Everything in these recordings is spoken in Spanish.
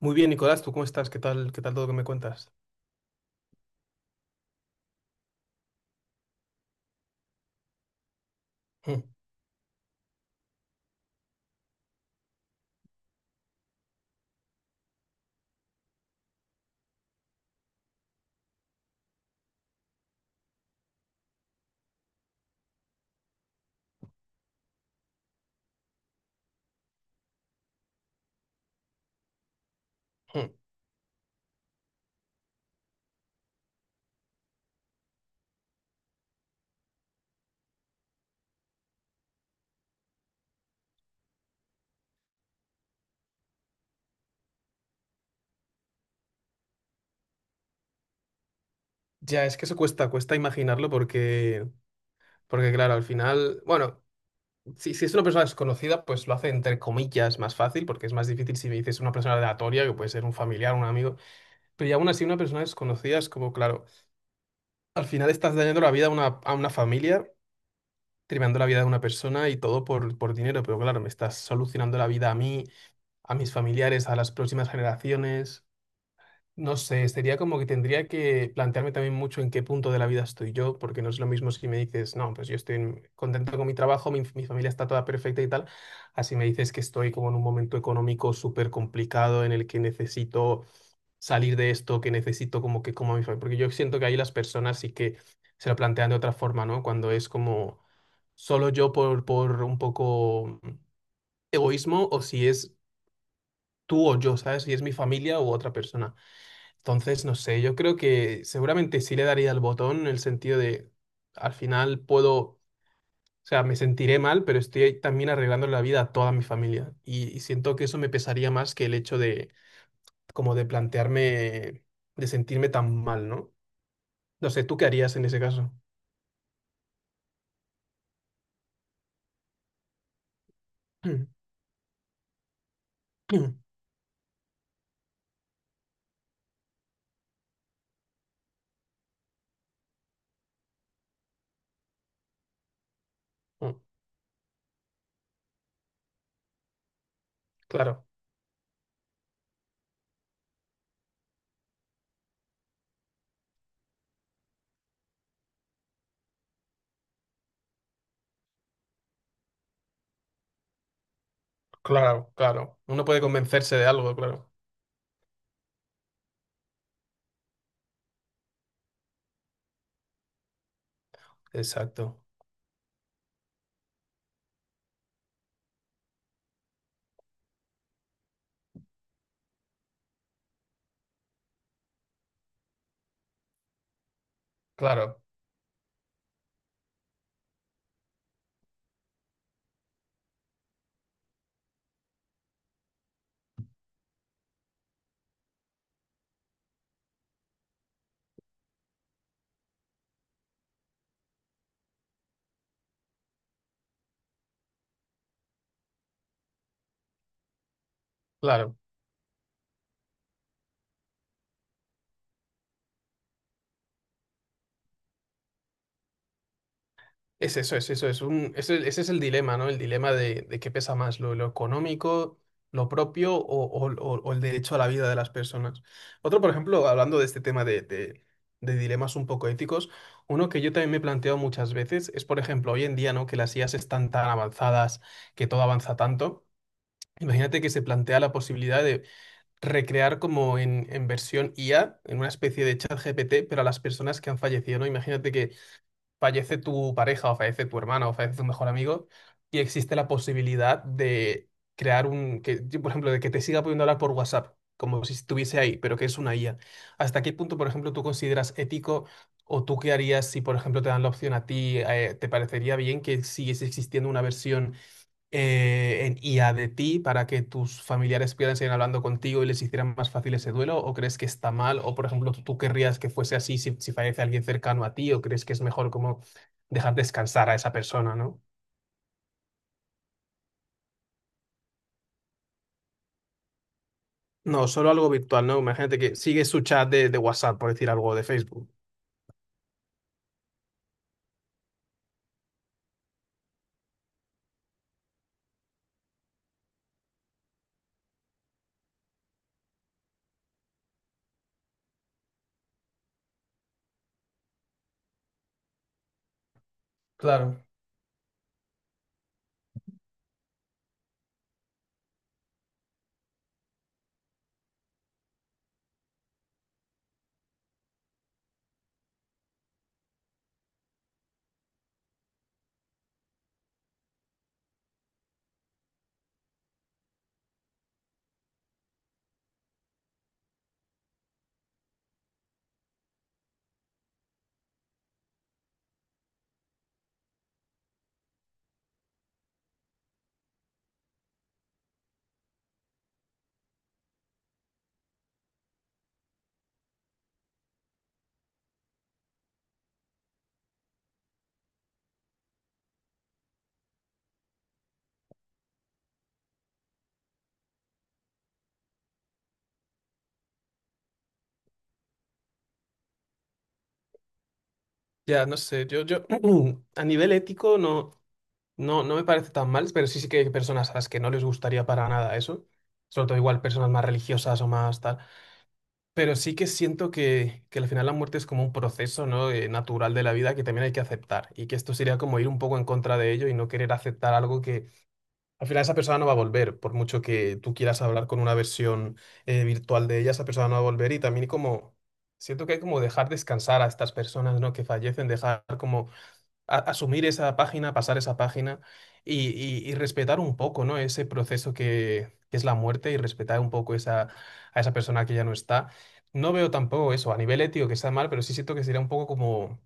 Muy bien, Nicolás, ¿tú cómo estás? ¿¿Qué tal todo que me cuentas? Mm, mm. Ya, es que eso cuesta imaginarlo porque, porque claro, al final, bueno, si es una persona desconocida, pues lo hace entre comillas más fácil, porque es más difícil si me dices una persona aleatoria, que puede ser un familiar, un amigo, pero ya aún así una persona desconocida es como, claro, al final estás dañando la vida a una familia, tremendo la vida de una persona y todo por dinero, pero claro, me estás solucionando la vida a mí, a mis familiares, a las próximas generaciones. No sé, sería como que tendría que plantearme también mucho en qué punto de la vida estoy yo, porque no es lo mismo si me dices, no, pues yo estoy contento con mi trabajo, mi familia está toda perfecta y tal, así me dices que estoy como en un momento económico súper complicado en el que necesito salir de esto, que necesito como que como a mi familia, porque yo siento que ahí las personas sí que se lo plantean de otra forma, ¿no? Cuando es como solo yo por un poco egoísmo o si es tú o yo, ¿sabes? Si es mi familia u otra persona. Entonces, no sé, yo creo que seguramente sí le daría el botón en el sentido de, al final puedo, o sea, me sentiré mal, pero estoy también arreglando la vida a toda mi familia. Y siento que eso me pesaría más que el hecho de, como de plantearme, de sentirme tan mal, ¿no? No sé, ¿tú qué harías en ese caso? Mm, claro, claro. Uno puede convencerse de algo, claro. Exacto. Claro, claro. Es eso, es eso, es un, ese es el dilema, ¿no? El dilema de qué pesa más, lo económico, lo propio o, o el derecho a la vida de las personas. Otro, por ejemplo, hablando de este tema de, de dilemas un poco éticos, uno que yo también me he planteado muchas veces es, por ejemplo, hoy en día, ¿no? Que las IAs están tan avanzadas, que todo avanza tanto. Imagínate que se plantea la posibilidad de recrear como en versión IA, en una especie de chat GPT, pero a las personas que han fallecido, ¿no? Imagínate que fallece tu pareja o fallece tu hermana o fallece tu mejor amigo y existe la posibilidad de crear un, que, yo, por ejemplo, de que te siga pudiendo hablar por WhatsApp, como si estuviese ahí, pero que es una IA. ¿Hasta qué punto, por ejemplo, tú consideras ético o tú qué harías si, por ejemplo, te dan la opción a ti, te parecería bien que siguiese existiendo una versión en- y a de ti para que tus familiares pudieran seguir hablando contigo y les hicieran más fácil ese duelo? ¿O crees que está mal? ¿O, por ejemplo, tú querrías que fuese así si, si fallece alguien cercano a ti? ¿O crees que es mejor como dejar descansar a esa persona, ¿no? No, solo algo virtual, ¿no? Imagínate que sigue su chat de WhatsApp, por decir algo, de Facebook. Claro, ya, no sé, yo a nivel ético no, no, no me parece tan mal, pero sí, sí que hay personas a las que no les gustaría para nada eso, sobre todo igual personas más religiosas o más tal. Pero sí que siento que al final la muerte es como un proceso, ¿no? Natural de la vida que también hay que aceptar y que esto sería como ir un poco en contra de ello y no querer aceptar algo que al final esa persona no va a volver, por mucho que tú quieras hablar con una versión virtual de ella, esa persona no va a volver y también como siento que hay como dejar descansar a estas personas, ¿no? Que fallecen, dejar como asumir esa página, pasar esa página y, y respetar un poco, ¿no? Ese proceso que es la muerte y respetar un poco esa, a esa persona que ya no está. No veo tampoco eso a nivel ético que está mal, pero sí siento que sería un poco como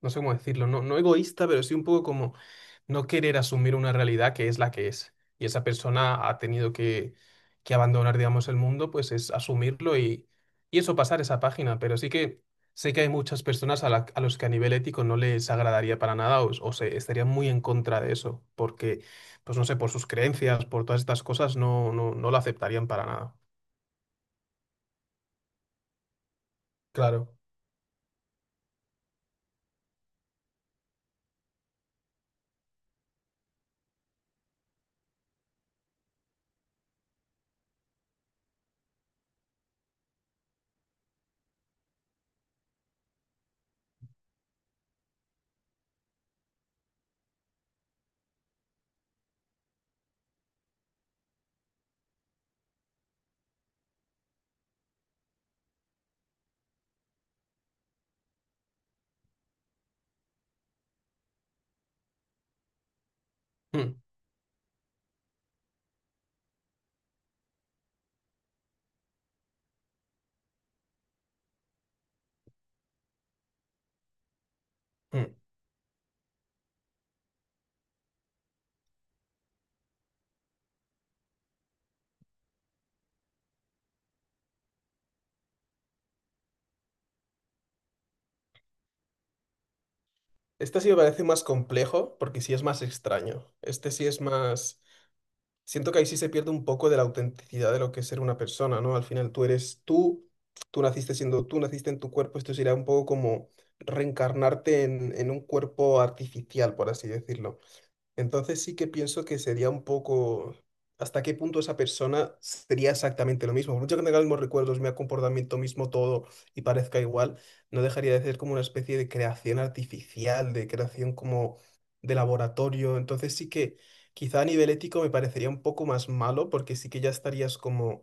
no sé cómo decirlo, no, no egoísta, pero sí un poco como no querer asumir una realidad que es la que es. Y esa persona ha tenido que abandonar, digamos, el mundo, pues es asumirlo y eso, pasar esa página. Pero sí que sé que hay muchas personas a, a los que a nivel ético no les agradaría para nada o, o se estarían muy en contra de eso, porque, pues no sé, por sus creencias, por todas estas cosas, no, no lo aceptarían para nada. Claro. Mm, mm. Este sí me parece más complejo porque sí es más extraño. Este sí es más... Siento que ahí sí se pierde un poco de la autenticidad de lo que es ser una persona, ¿no? Al final tú eres tú, tú naciste siendo tú, naciste en tu cuerpo, esto sería un poco como reencarnarte en un cuerpo artificial, por así decirlo. Entonces sí que pienso que sería un poco hasta qué punto esa persona sería exactamente lo mismo. Por mucho que tenga los mismos recuerdos, mi comportamiento mismo, todo y parezca igual, no dejaría de ser como una especie de creación artificial, de creación como de laboratorio. Entonces sí que quizá a nivel ético me parecería un poco más malo porque sí que ya estarías como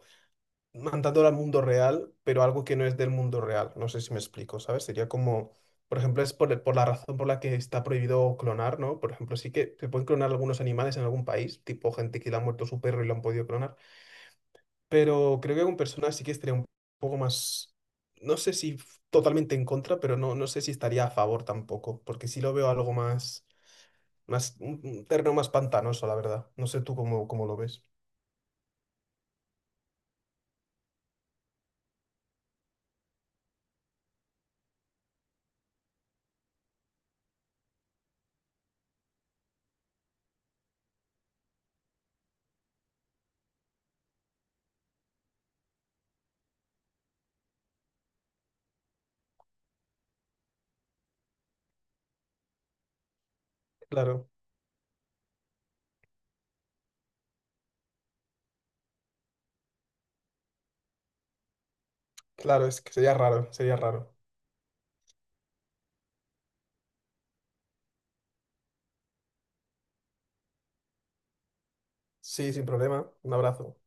mandándolo al mundo real, pero algo que no es del mundo real. No sé si me explico, ¿sabes? Sería como, por ejemplo, es por, por la razón por la que está prohibido clonar, ¿no? Por ejemplo, sí que se pueden clonar algunos animales en algún país, tipo gente que le ha muerto su perro y lo han podido clonar, pero creo que con personas sí que estaría un poco más, no sé si totalmente en contra, pero no, no sé si estaría a favor tampoco, porque sí lo veo algo más, más un terreno más pantanoso, la verdad. No sé tú cómo, cómo lo ves. Claro, claro, es que sería raro, sería raro. Sí, sin problema. Un abrazo.